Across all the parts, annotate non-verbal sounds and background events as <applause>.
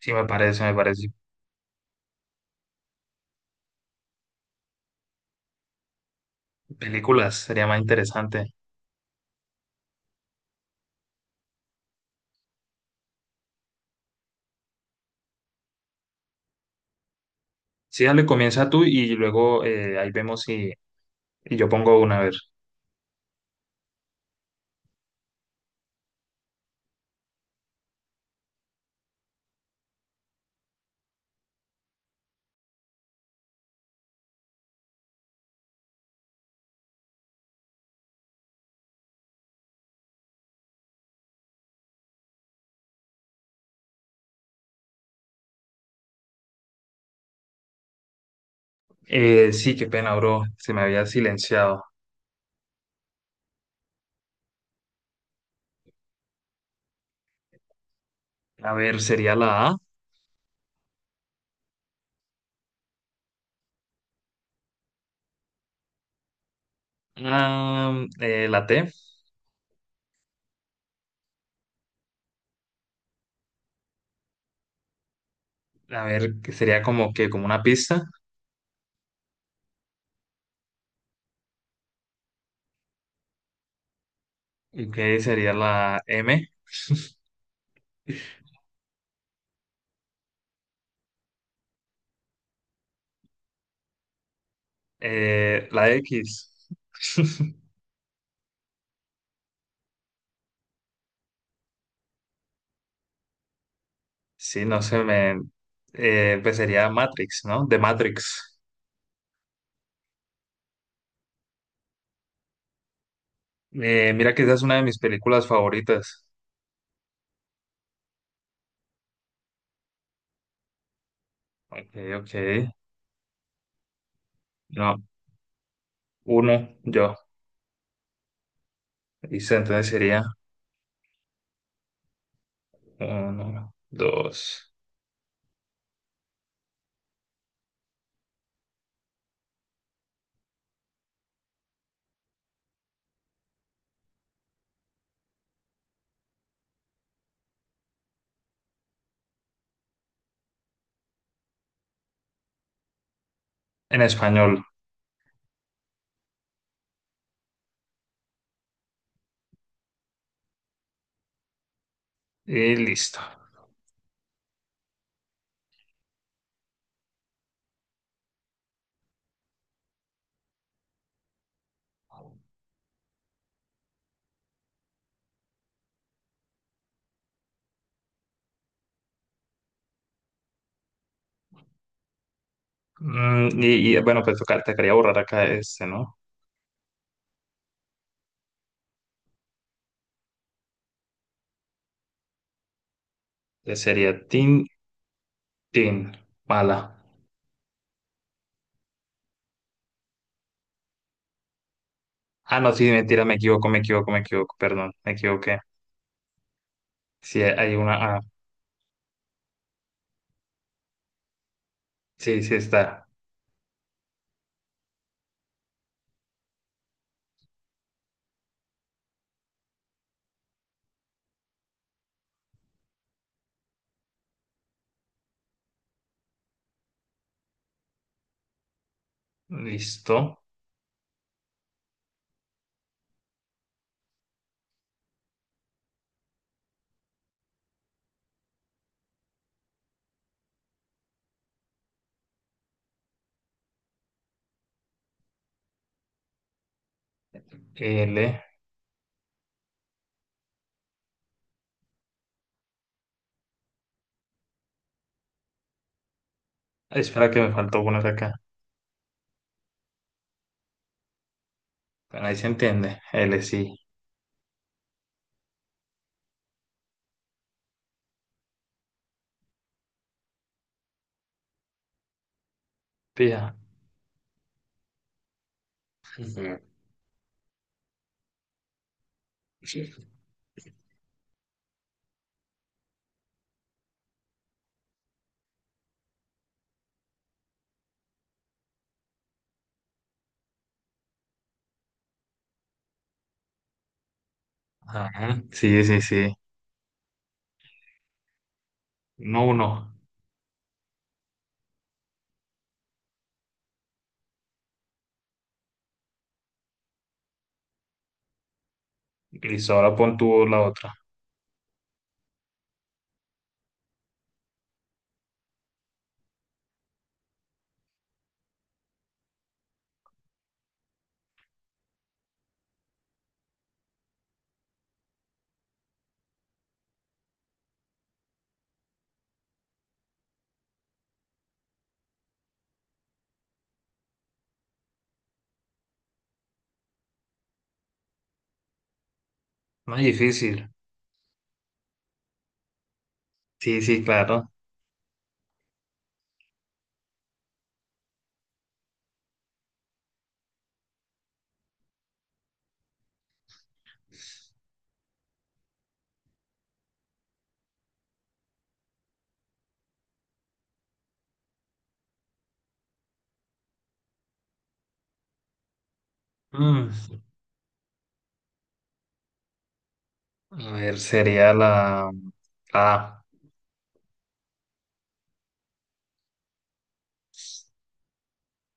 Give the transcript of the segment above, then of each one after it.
Sí, me parece, me parece. Películas, sería más interesante. Sí, dale, comienza tú y luego ahí vemos si yo pongo una, a ver. Sí, qué pena, bro, se me había silenciado. A ver, sería la A. La T, a ver, que sería como una pista. ¿Y qué sería la M? La X. <laughs> Sí, no sé, me... pues sería Matrix, ¿no? De Matrix. Mira que esa es una de mis películas favoritas. Ok, ok. No, uno, yo. Y entonces sería uno, dos, en español. Y listo. Bueno, pues tocar, te quería borrar acá este, ¿no? Entonces sería tin, tin, mala. Ah, no, sí, mentira, me equivoco, me equivoco, me equivoco, perdón, me equivoqué. Sí, hay una A. Sí, sí está. Listo. L. Ay, espera que me faltó poner acá. Bueno, ahí se entiende. L, sí. Pía. Ujú. Ajá. Sí, sí, sí. No, uno. Listo, ahora pon tú la otra. Más difícil. Sí, sí, claro. Mm, a ver, sería la A.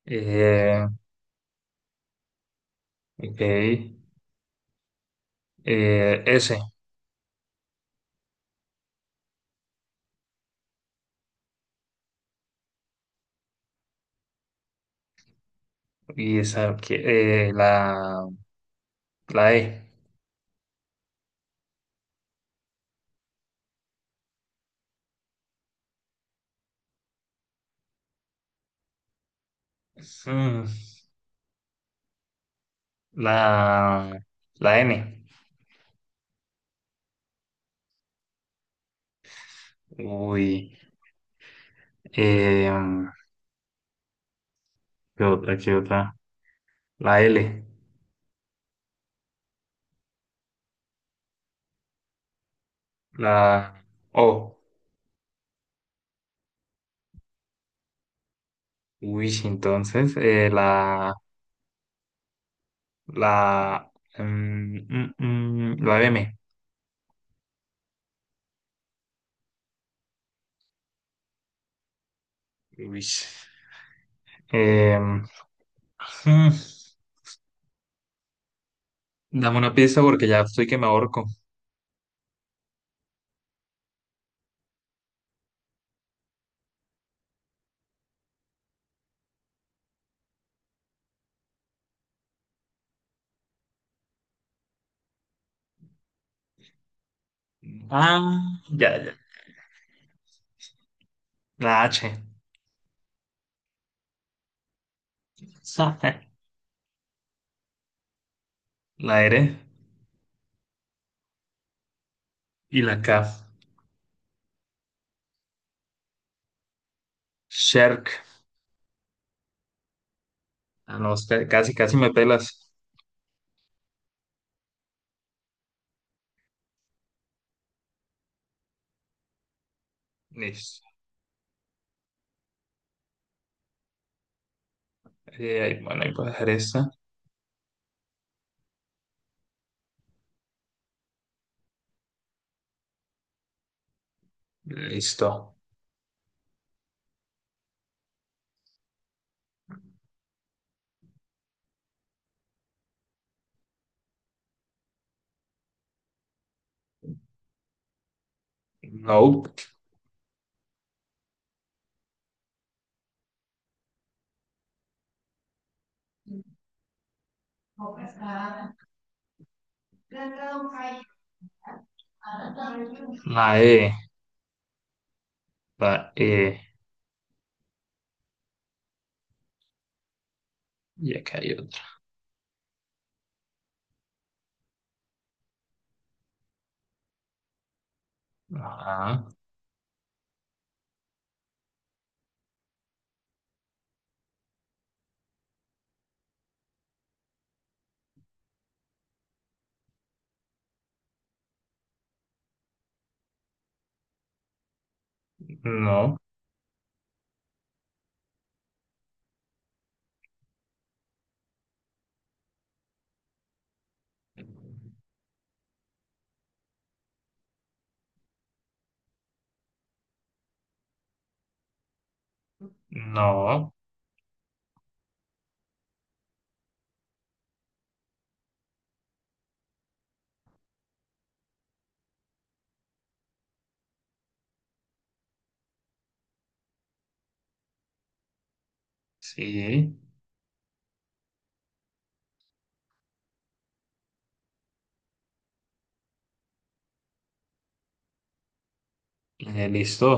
Eh, ok. S. Y esa, que- eh, la, la E. Mm, La, la N. Uy. Eh, ¿Qué otra? ¿Qué otra? La L. La O. Uy, sí, entonces, la La, la M. Uy. Em, mm, dame una pista porque ya estoy que me ahorco. Ah, ya, ya. La H. <laughs> La R. Y la K. Shark. Ah, no, usted- casi, casi me pelas. Listo. Ahí- bueno, ahí puedo dejar esta. Listo. No. La E. Va, y acá hay otro. Ajá, no, no, sí, listo.